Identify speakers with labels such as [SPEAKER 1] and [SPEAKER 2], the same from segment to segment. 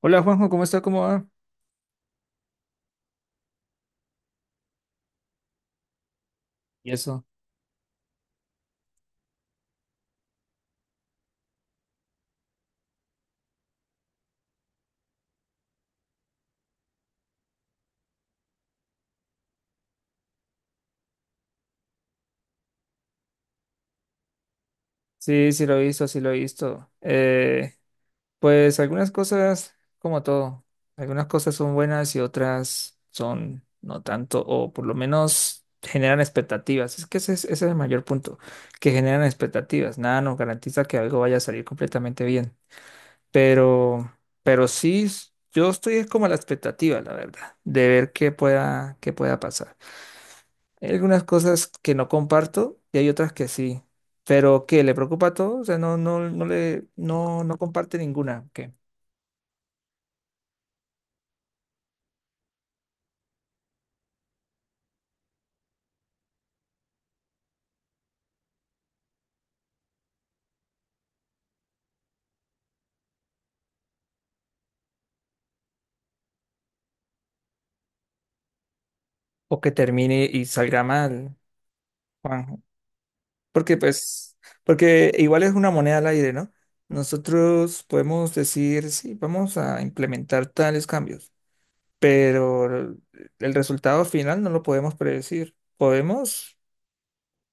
[SPEAKER 1] Hola Juanjo, ¿cómo está? ¿Cómo va? Y eso. Sí, sí lo he visto. Pues algunas cosas, como todo, algunas cosas son buenas y otras son no tanto, o por lo menos generan expectativas. Es que ese es el mayor punto, que generan expectativas. Nada nos garantiza que algo vaya a salir completamente bien. Pero, pero sí, yo estoy como a la expectativa, la verdad, de ver qué pueda pasar. Hay algunas cosas que no comparto y hay otras que sí. Pero ¿qué? ¿Le preocupa todo? O sea, no, no, no le, no, no comparte ninguna. ¿Qué? O que termine y salga mal, Juanjo. Porque pues, porque igual es una moneda al aire, ¿no? Nosotros podemos decir, sí, vamos a implementar tales cambios, pero el resultado final no lo podemos predecir. Podemos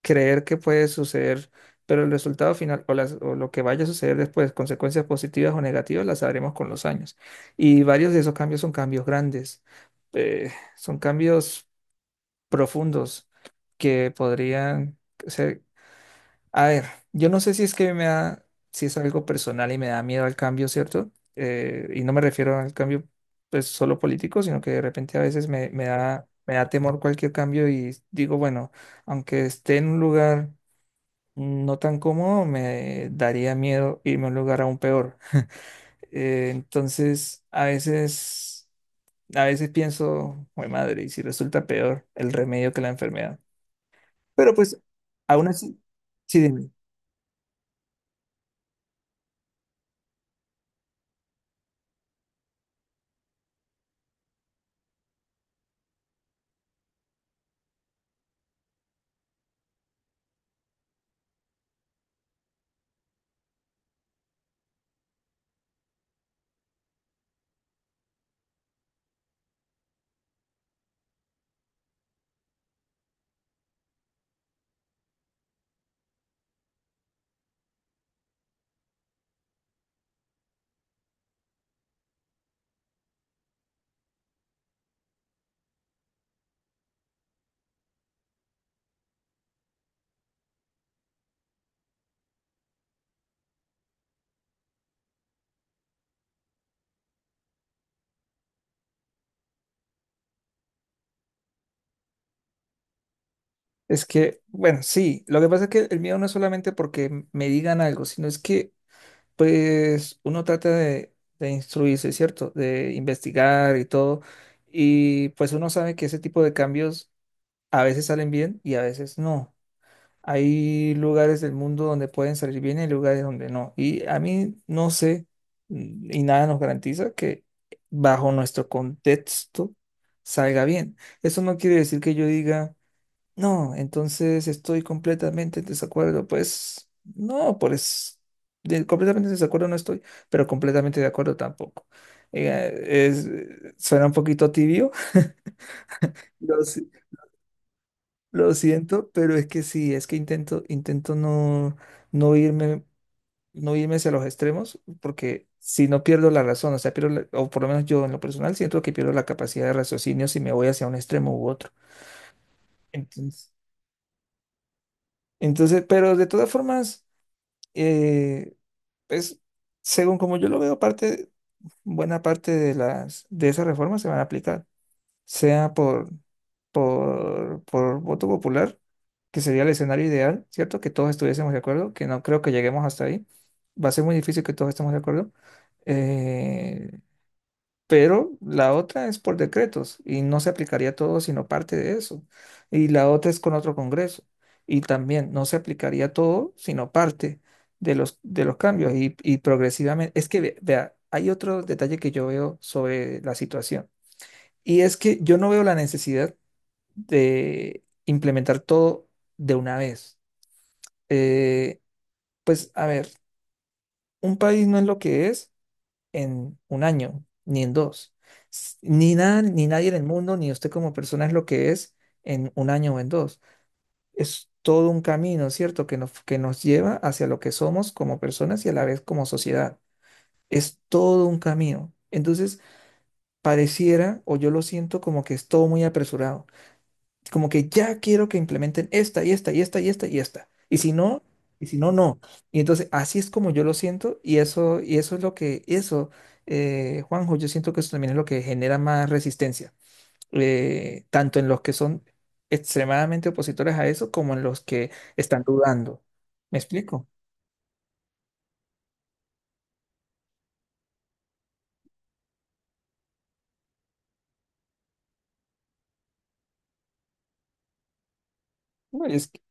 [SPEAKER 1] creer que puede suceder, pero el resultado final o, las- o lo que vaya a suceder después, consecuencias positivas o negativas, las sabremos con los años. Y varios de esos cambios son cambios grandes, son cambios profundos que podrían ser... A ver, yo no sé si es que me da, si es algo personal y me da miedo al cambio, ¿cierto? Y no me refiero al cambio pues solo político, sino que de repente a veces me da temor cualquier cambio y digo, bueno, aunque esté en un lugar no tan cómodo, me daría miedo irme a un lugar aún peor. Entonces, a veces, pienso, "Jue madre, y si resulta peor el remedio que la enfermedad. Pero pues, aún así, sí, dime. Es que, bueno, sí, lo que pasa es que el miedo no es solamente porque me digan algo, sino es que, pues, uno trata de instruirse, ¿cierto? De investigar y todo. Y pues uno sabe que ese tipo de cambios a veces salen bien y a veces no. Hay lugares del mundo donde pueden salir bien y lugares donde no. Y a mí no sé, y nada nos garantiza que bajo nuestro contexto salga bien. Eso no quiere decir que yo diga, no, entonces estoy completamente en desacuerdo. Pues no, pues completamente en desacuerdo no estoy, pero completamente de acuerdo tampoco. Eh, es, Suena un poquito tibio. Lo, lo siento, pero es que sí, es que intento no, no irme, no irme hacia los extremos, porque si no pierdo la razón, o sea, pierdo o por lo menos yo en lo personal siento que pierdo la capacidad de raciocinio si me voy hacia un extremo u otro. Entonces, entonces, pero de todas formas, eh, pues, según como yo lo veo, parte, buena parte de esas reformas se van a aplicar. Sea por, por voto popular, que sería el escenario ideal, ¿cierto? Que todos estuviésemos de acuerdo, que no creo que lleguemos hasta ahí. Va a ser muy difícil que todos estemos de acuerdo. Eh, pero la otra es por decretos y no se aplicaría todo sino parte de eso. Y la otra es con otro Congreso y también no se aplicaría todo sino parte de los cambios y progresivamente. Es que, vea, hay otro detalle que yo veo sobre la situación. Y es que yo no veo la necesidad de implementar todo de una vez. Eh, pues a ver, un país no es lo que es en un año, ni en dos. Ni nada, ni nadie en el mundo, ni usted como persona es lo que es en un año o en dos. Es todo un camino, ¿cierto? Que nos lleva hacia lo que somos como personas y a la vez como sociedad. Es todo un camino. Entonces, pareciera, o yo lo siento como que es todo muy apresurado. Como que ya quiero que implementen esta y esta y esta y esta y esta. Y si no, no. Y entonces así es como yo lo siento y eso es lo que, eso, Juanjo, yo siento que eso también es lo que genera más resistencia, tanto en los que son extremadamente opositores a eso como en los que están dudando. ¿Me explico? No, es que-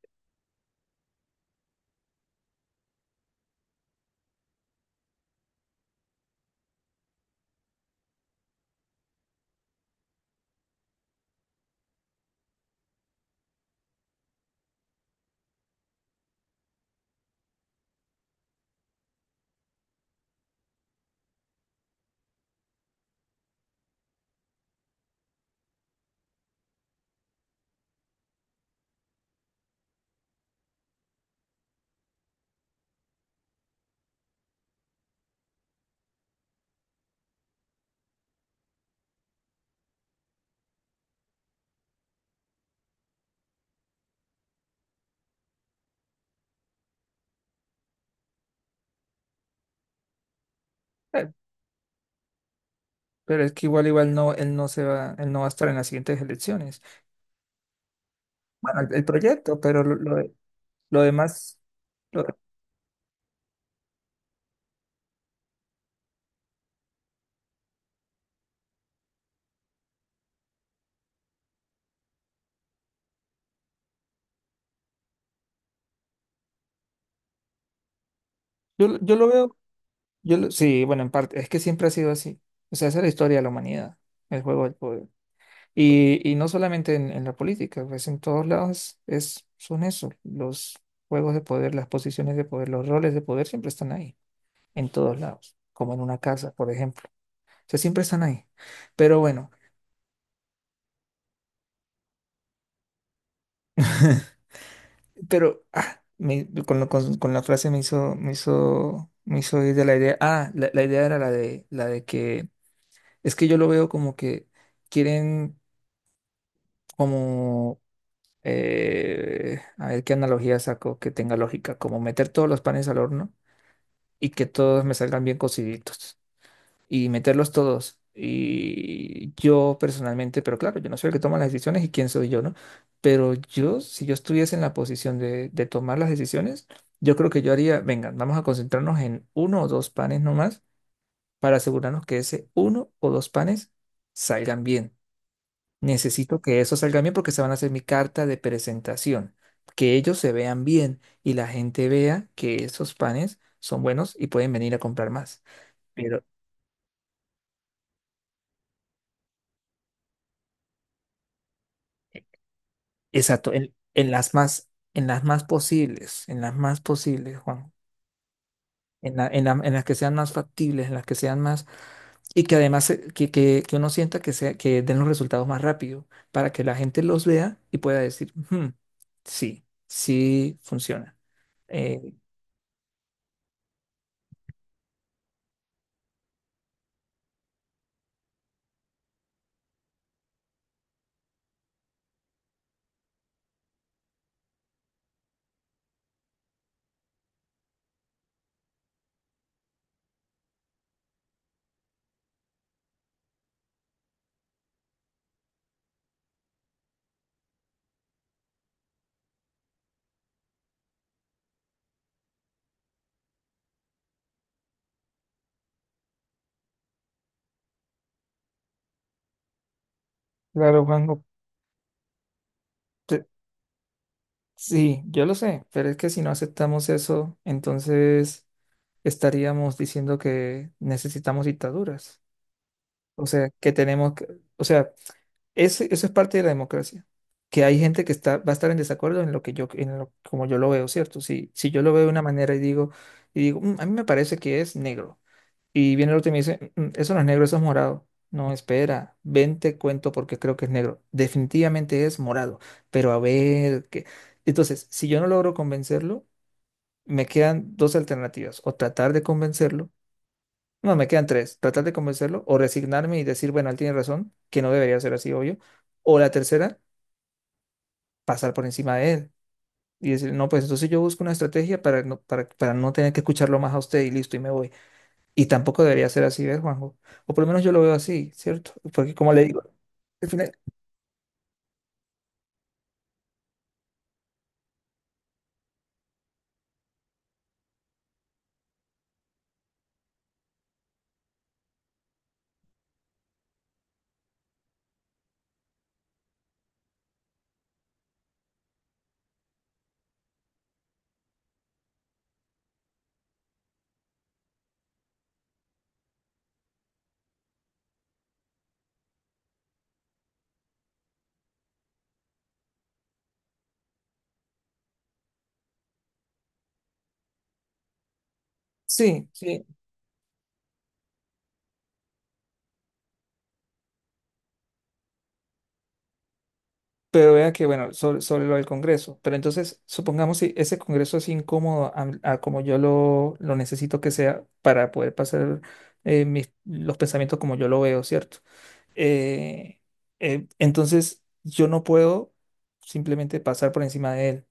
[SPEAKER 1] eh, pero es que igual, igual no, él no se va, él no va a estar en las siguientes elecciones. Bueno, el proyecto, pero lo, lo demás... lo- yo, yo lo veo, Yo sí, bueno, en parte, es que siempre ha sido así. O sea, esa es la historia de la humanidad, el juego del poder. Y no solamente en la política, pues en todos lados es, son eso, los juegos de poder, las posiciones de poder, los roles de poder siempre están ahí, en todos lados, como en una casa, por ejemplo. O sea, siempre están ahí. Pero bueno, pero con la frase me hizo ir de la idea. Ah, la idea era la de que, es que yo lo veo como que quieren como a ver qué analogía saco que tenga lógica, como meter todos los panes al horno y que todos me salgan bien cociditos y meterlos todos. Y yo personalmente, pero claro, yo no soy el que toma las decisiones y quién soy yo, ¿no? Pero yo, si yo estuviese en la posición de tomar las decisiones, yo creo que yo haría, venga, vamos a concentrarnos en uno o dos panes nomás para asegurarnos que ese uno o dos panes salgan bien. Necesito que eso salga bien porque se van a hacer mi carta de presentación. Que ellos se vean bien y la gente vea que esos panes son buenos y pueden venir a comprar más. Pero, exacto, en las más posibles, en las más posibles, Juan. En en en las que sean más factibles, en las que sean más y que además que uno sienta que, sea, que den los resultados más rápido para que la gente los vea y pueda decir, "Hmm, sí, sí funciona. Eh, claro, Juan, Sí, yo lo sé, pero es que si no aceptamos eso, entonces estaríamos diciendo que necesitamos dictaduras. O sea, que tenemos que, o sea, eso es parte de la democracia, que hay gente que está, va a estar en desacuerdo en lo que yo, en lo, como yo lo veo, ¿cierto? Si yo lo veo de una manera y digo, "Mm, a mí me parece que es negro. Y viene el otro y me dice, "Mm, eso no es negro, eso es morado. No, espera, ven, te cuento porque creo que es negro. Definitivamente es morado, pero a ver qué. Entonces, si yo no logro convencerlo, me quedan dos alternativas, o tratar de convencerlo, no, me quedan tres, tratar de convencerlo, o resignarme y decir, bueno, él tiene razón, que no debería ser así, obvio, o la tercera, pasar por encima de él y decir, no, pues entonces yo busco una estrategia para no tener que escucharlo más a usted y listo, y me voy. Y tampoco debería ser así, ¿ves, Juanjo? O por lo menos yo lo veo así, ¿cierto? Porque como le digo, al final, sí, sí, pero vea que, bueno, sobre, sobre lo del Congreso, pero entonces, supongamos si ese Congreso es incómodo a como yo lo necesito que sea para poder pasar mis, los pensamientos como yo lo veo, ¿cierto? Eh, entonces, yo no puedo simplemente pasar por encima de él.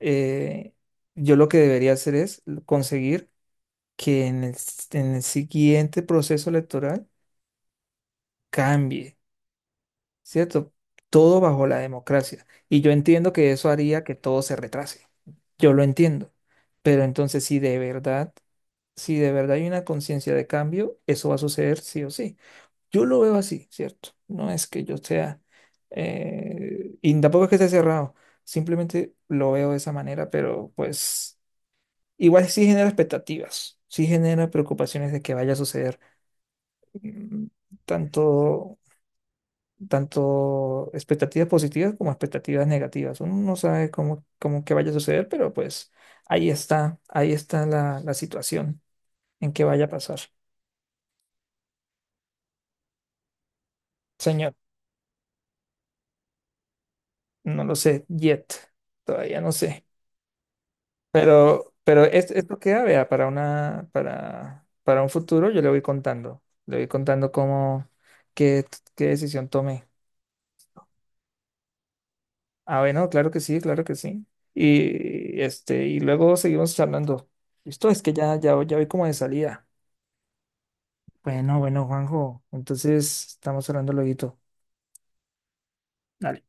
[SPEAKER 1] Eh, yo lo que debería hacer es conseguir que en el siguiente proceso electoral cambie, ¿cierto? Todo bajo la democracia. Y yo entiendo que eso haría que todo se retrase. Yo lo entiendo. Pero entonces, si de verdad, si de verdad hay una conciencia de cambio, eso va a suceder sí o sí. Yo lo veo así, ¿cierto? No es que yo sea, y tampoco es que esté cerrado. Simplemente lo veo de esa manera, pero pues igual sí genera expectativas, sí genera preocupaciones de que vaya a suceder. mm, tanto, Tanto expectativas positivas como expectativas negativas. Uno no sabe cómo, cómo que vaya a suceder, pero pues ahí está la, la situación en que vaya a pasar. Señor, no lo sé, yet, todavía no sé. Pero esto queda, vea, para una, para un futuro yo le voy contando. Le voy contando cómo, qué, qué decisión tomé. Ah, bueno, claro que sí, claro que sí. Y este, y luego seguimos charlando. Listo, es que ya, ya, ya voy como de salida. Bueno, bueno, Juanjo. Entonces, estamos hablando lueguito. Dale.